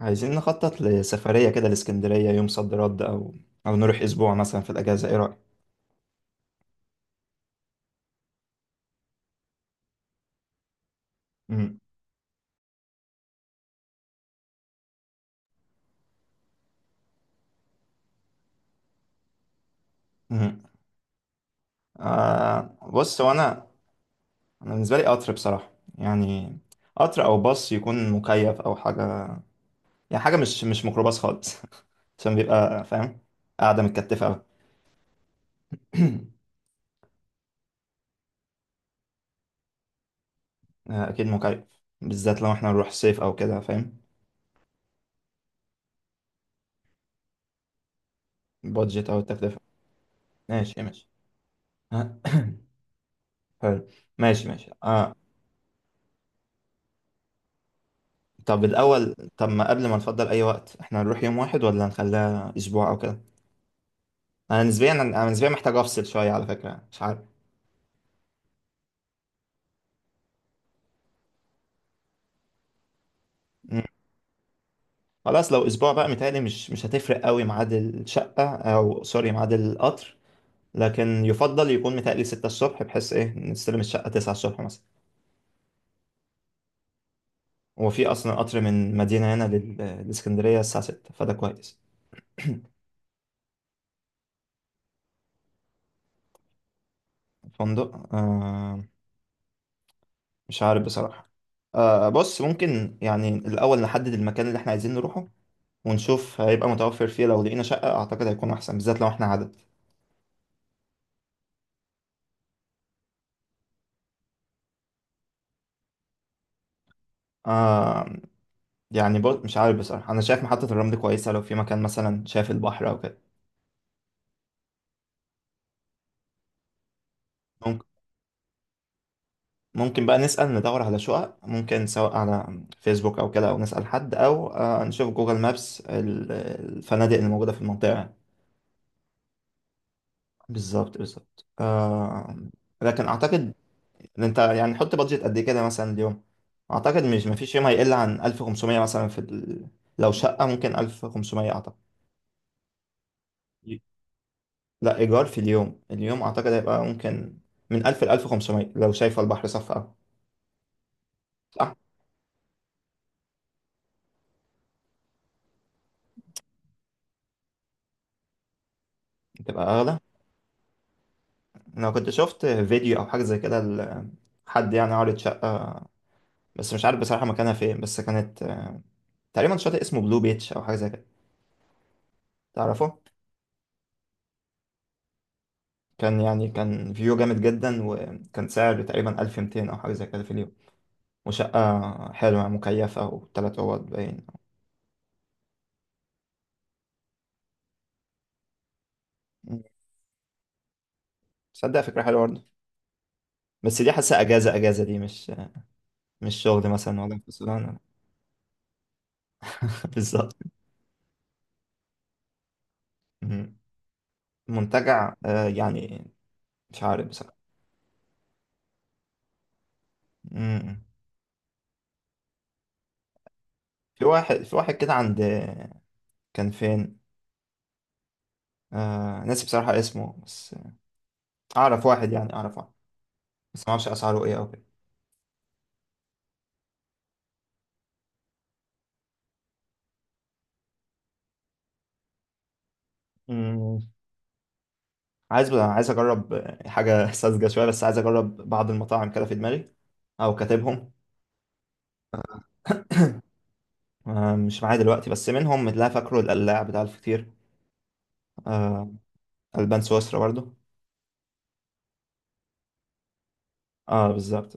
عايزين نخطط لسفرية كده لإسكندرية يوم صد رد أو نروح أسبوع مثلا في الأجازة، إيه رأيك؟ مم. مم. آه، بص، هو أنا بالنسبة لي قطر بصراحة، يعني قطر أو باص يكون مكيف أو حاجة، يعني حاجة مش ميكروباص خالص. عشان بيبقى فاهم قاعدة متكتفة أوي. آه أكيد مكيف، بالذات لو إحنا نروح صيف أو كده، فاهم؟ بادجت أو التكلفة. ماشي ماشي. حلو، ماشي ماشي، آه. طب الأول، طب ما قبل ما نفضل أي وقت احنا هنروح يوم واحد ولا نخليها أسبوع أو كده. أنا نسبيا محتاج أفصل شوية على فكرة، مش عارف. مم. خلاص، لو أسبوع بقى متهيألي مش هتفرق قوي ميعاد الشقة، أو سوري ميعاد القطر، لكن يفضل يكون متهيألي 6 الصبح بحيث إيه نستلم الشقة 9 الصبح مثلا. هو في أصلا قطر من مدينة هنا للإسكندرية الساعة 6، فده كويس. الفندق آه، مش عارف بصراحة. آه، بص، ممكن يعني الأول نحدد المكان اللي احنا عايزين نروحه، ونشوف هيبقى متوفر فيه. لو لقينا شقة أعتقد هيكون أحسن، بالذات لو إحنا عدد. آه يعني برضه مش عارف بصراحة، أنا شايف محطة الرمل كويسة، لو في مكان مثلا شايف البحر أو كده. ممكن ممكن بقى نسأل، ندور على شقق، ممكن سواء على فيسبوك أو كده، أو نسأل حد، أو آه نشوف جوجل مابس الفنادق اللي موجودة في المنطقة يعني. بالظبط بالظبط، آه. لكن أعتقد إن أنت يعني حط بادجت قد إيه كده مثلا اليوم. أعتقد مش مفيش يوم هيقل عن 1500 مثلا لو شقة ممكن 1500، أعتقد. لا، إيجار في اليوم أعتقد هيبقى ممكن من 1000 ل 1500 لو شايفة البحر صف أوي. صح؟ تبقى أغلى. لو كنت شفت فيديو أو حاجة زي كده حد يعني عارض شقة، بس مش عارف بصراحة مكانها فين، بس كانت تقريبا شاطئ اسمه بلو بيتش أو حاجة زي كده، تعرفه؟ كان يعني كان فيو جامد جدا، وكان سعر تقريبا 1200 أو حاجة زي كده في اليوم، وشقة حلوة مكيفة وتلات أوض باين. مم. تصدق فكرة حلوة برضه، بس دي حاسة أجازة أجازة، دي مش شغل مثلا ولا فصلان. بالظبط. مم. منتجع آه يعني، مش عارف بصراحة. مم. في واحد كده، عند، كان فين، آه ناسي بصراحة اسمه، بس أعرف واحد، بس معرفش أسعاره إيه أو كده. مم. عايز أجرب حاجة ساذجة شوية، بس عايز أجرب بعض المطاعم كده في دماغي أو كاتبهم. آه مش معايا دلوقتي، بس منهم اللي أنا فاكره القلاع بتاع الفطير. آه، ألبان سويسرا برضو. اه بالظبط،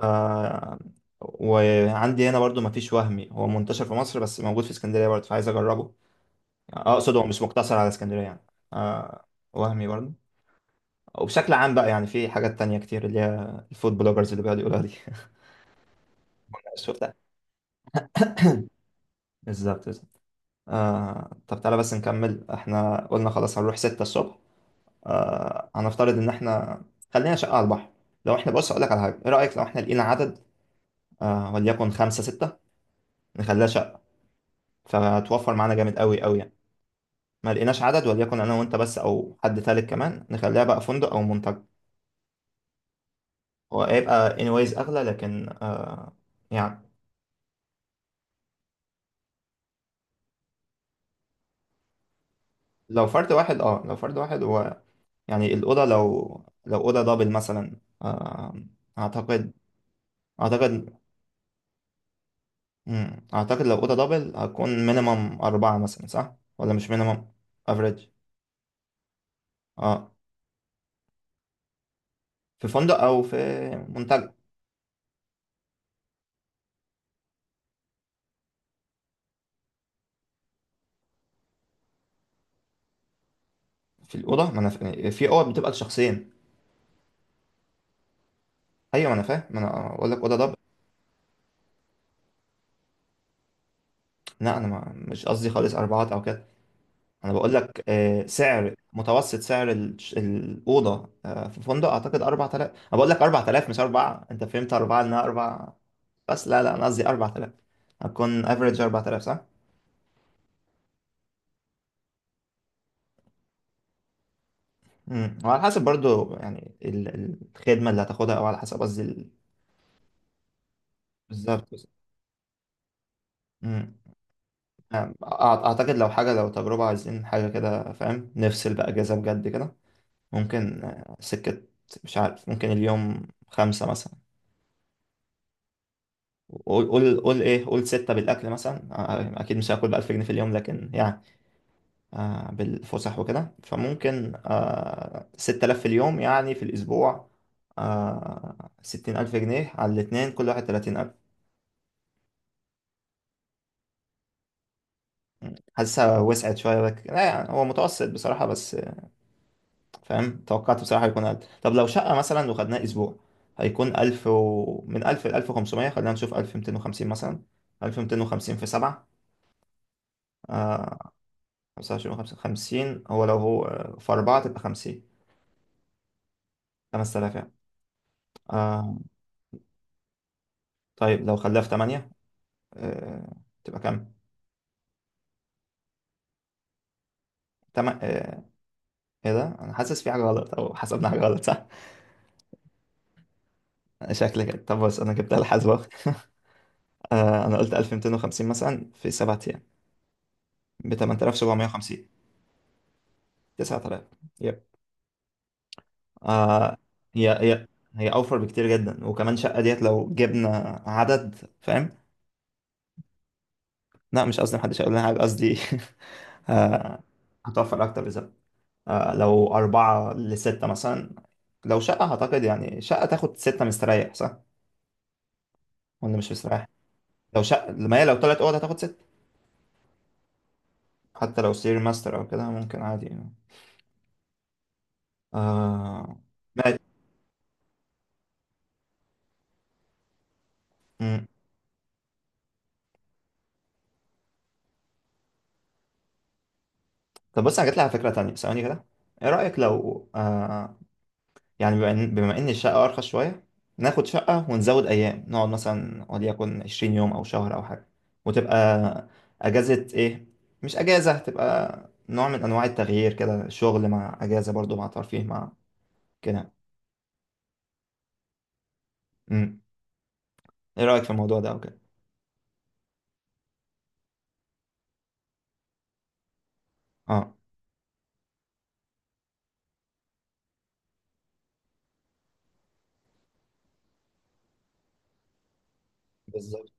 آه. وعندي هنا برضو مفيش، وهمي هو منتشر في مصر، بس موجود في اسكندرية برضو فعايز أجربه، يعني أقصد هو مش مقتصر على اسكندرية يعني. آه، وهمي برضو. وبشكل عام بقى يعني في حاجات تانية كتير، اللي هي الفود بلوجرز اللي بيقعدوا يقولوها دي. شفتها. بالظبط بالظبط. آه، طب تعالى بس نكمل، احنا قلنا خلاص هنروح 6 الصبح. آه، هنفترض ان احنا خلينا شقة على البحر. لو احنا، بص اقول لك على حاجة، ايه رأيك لو احنا لقينا عدد، آه وليكن خمسة ستة، نخليها شقة، فتوفر معانا جامد قوي قوي يعني. ما لقيناش عدد، وليكن انا وانت بس او حد تالت كمان، نخليها بقى فندق او منتجع. هو هيبقى anyways اغلى، لكن آه يعني. لو فرد واحد، اه لو فرد واحد، هو يعني الاوضه، لو اوضه دبل مثلا آه، اعتقد اعتقد مم. اعتقد لو اوضه دبل هتكون مينيمم اربعه مثلا، صح؟ ولا مش مينيمم، افريج. اه في فندق او في منتجع. في الاوضه، ما انا ف- في اوض بتبقى لشخصين. ايوه ما انا فاهم، ما انا اقول لك اوضه دبل. لا انا ما مش قصدي خالص اربعات او كده. انا بقول لك سعر متوسط، سعر الاوضه في فندق اعتقد 4000. انا بقول لك 4000 مش 4، انت فهمت 4 انها 4، بس لا لا انا قصدي 4000. هتكون افريج 4000، صح؟ امم. وعلى حسب برضو يعني الخدمه اللي هتاخدها، او على حسب قصدي ال-. بالظبط. امم، اعتقد لو تجربه، عايزين حاجه كده فاهم، نفصل بقى اجازه بجد كده. ممكن سكه. مش عارف، ممكن اليوم خمسة مثلا. قول ايه، قول ستة بالأكل مثلا، أكيد مش هاكل ب1000 جنيه في اليوم لكن يعني بالفسح وكده فممكن 6000 في اليوم، يعني في الأسبوع، 60 ألف جنيه على الاتنين، كل واحد 30 ألف. حاسسها وسعت شوية بك لا، يعني هو متوسط بصراحة بس فاهم، توقعت بصراحة يكون أقل. طب لو شقة مثلا وخدناها أسبوع هيكون من ألف لألف وخمسمية، خلينا نشوف 1250 مثلا. 1250 في 7، آه، خمسة وعشرين وخمسة خمسين. هو لو هو في أربعة تبقى خمسين. 5000 يعني. آه. طيب لو خلاها في تمانية، آه، تبقى كام؟ تم... آه إيه ده؟ أنا حاسس في حاجة غلط، أو حسبنا حاجة غلط، صح؟ شكلي كده، طب بص أنا جبتها الحاسبة. آه، أنا قلت 1250 مثلا في 7 أيام ب 8750، 9000، يب، آه. هي هي هي أوفر بكتير جدا، وكمان شقة ديت لو جبنا عدد، فاهم؟ لا مش قصدي محدش هيقول لنا حاجة، قصدي آه، هتوفر أكتر. لو أربعة لستة مثلا، لو شقة أعتقد، يعني شقة تاخد ستة مستريح صح؟ ولا مش مستريح؟ لو شقة ما هي لو تلات أوض هتاخد ستة، حتى لو سرير ماستر أو كده ممكن عادي يعني. آه. ماشي. مم. طب بص أنا جاتلي على فكرة تانية ثواني كده، إيه رأيك لو يعني بما إن الشقة أرخص شوية، ناخد شقة ونزود أيام، نقعد مثلا وليكن 20 يوم أو شهر أو حاجة، وتبقى أجازة، إيه مش أجازة، تبقى نوع من أنواع التغيير كده، شغل مع أجازة برضو مع ترفيه مع كده. أمم. إيه رأيك في الموضوع ده أو كده؟ أه بالظبط.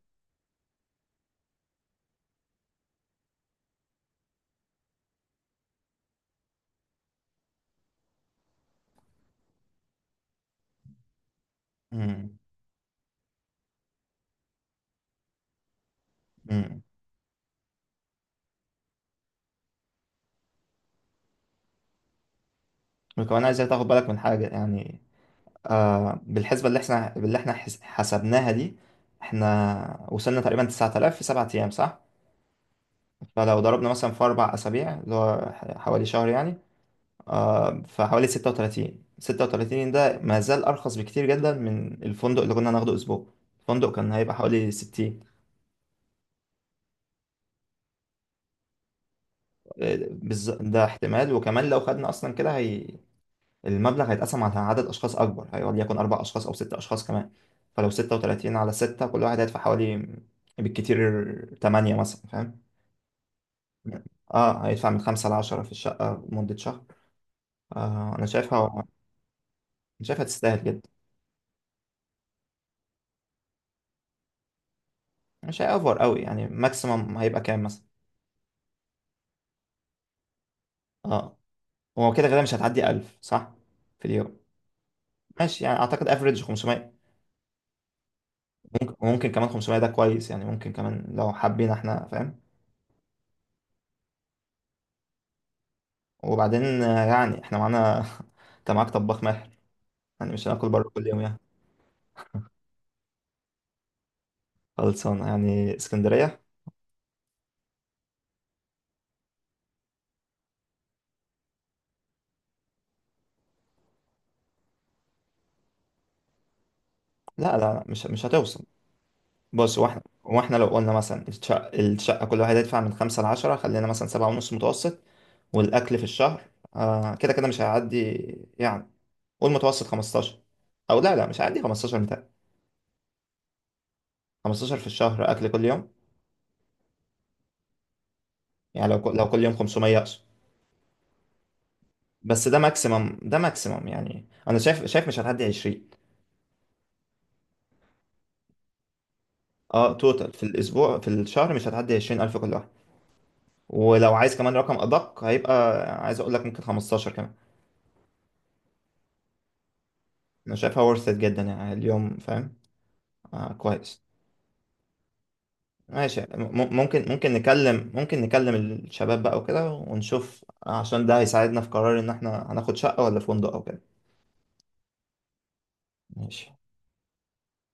أمم. أمم. وكمان عايزك تاخد بالك من حاجة يعني، بالحسبة اللي احنا حسبناها دي، احنا وصلنا تقريبا 9000 في 7 أيام، صح؟ فلو ضربنا مثلا في 4 أسابيع، اللي هو حوالي شهر يعني، فحوالي ستة وتلاتين. ده ما زال أرخص بكتير جدا من الفندق اللي كنا ناخده أسبوع، الفندق كان هيبقى حوالي 60. آه، ده احتمال، وكمان لو خدنا أصلا كده، هي المبلغ هيتقسم على عدد أشخاص أكبر، هيقعد يكون أربع أشخاص أو ستة أشخاص كمان. فلو 36 على ستة، كل واحد هيدفع حوالي بالكتير تمانية مثلا، فاهم؟ اه هيدفع من خمسة لعشرة في الشقة لمدة شهر. آه أنا شايفها. أنا شايفها تستاهل جدا. مش هيأفور قوي يعني، ماكسيمم هيبقى كام مثلا؟ اه هو كده غالبا مش هتعدي 1000، صح؟ في اليوم. ماشي يعني، اعتقد افريج 500. ممكن، وممكن كمان 500 ده كويس يعني، ممكن كمان لو حابين احنا فاهم. وبعدين يعني احنا معانا انت معاك طباخ ماهر، يعني مش هناكل بره كل يوم يعني. خلصانه يعني اسكندريه. لا لا مش هتوصل. بص واحنا لو قلنا مثلا الشقه، كل واحد يدفع من خمسة لعشرة، خلينا مثلا سبعة ونص متوسط، والأكل في الشهر. آه كده كده مش هيعدي يعني، قول متوسط 15، او لا لا مش عندي 15 متاع، 15 في الشهر اكل كل يوم يعني، لو كل يوم 500 اقصد. بس ده ماكسيمم يعني انا شايف مش هتعدي 20. اه توتال في الاسبوع، في الشهر مش هتعدي 20000 كل واحد. ولو عايز كمان رقم ادق هيبقى، عايز اقول لك ممكن 15 كمان. انا شايفها ورثت جدا يعني اليوم، فاهم؟ آه، كويس. ماشي، ممكن نكلم الشباب بقى وكده، ونشوف، عشان ده هيساعدنا في قرار ان احنا هناخد شقة ولا فندق او كده. ماشي.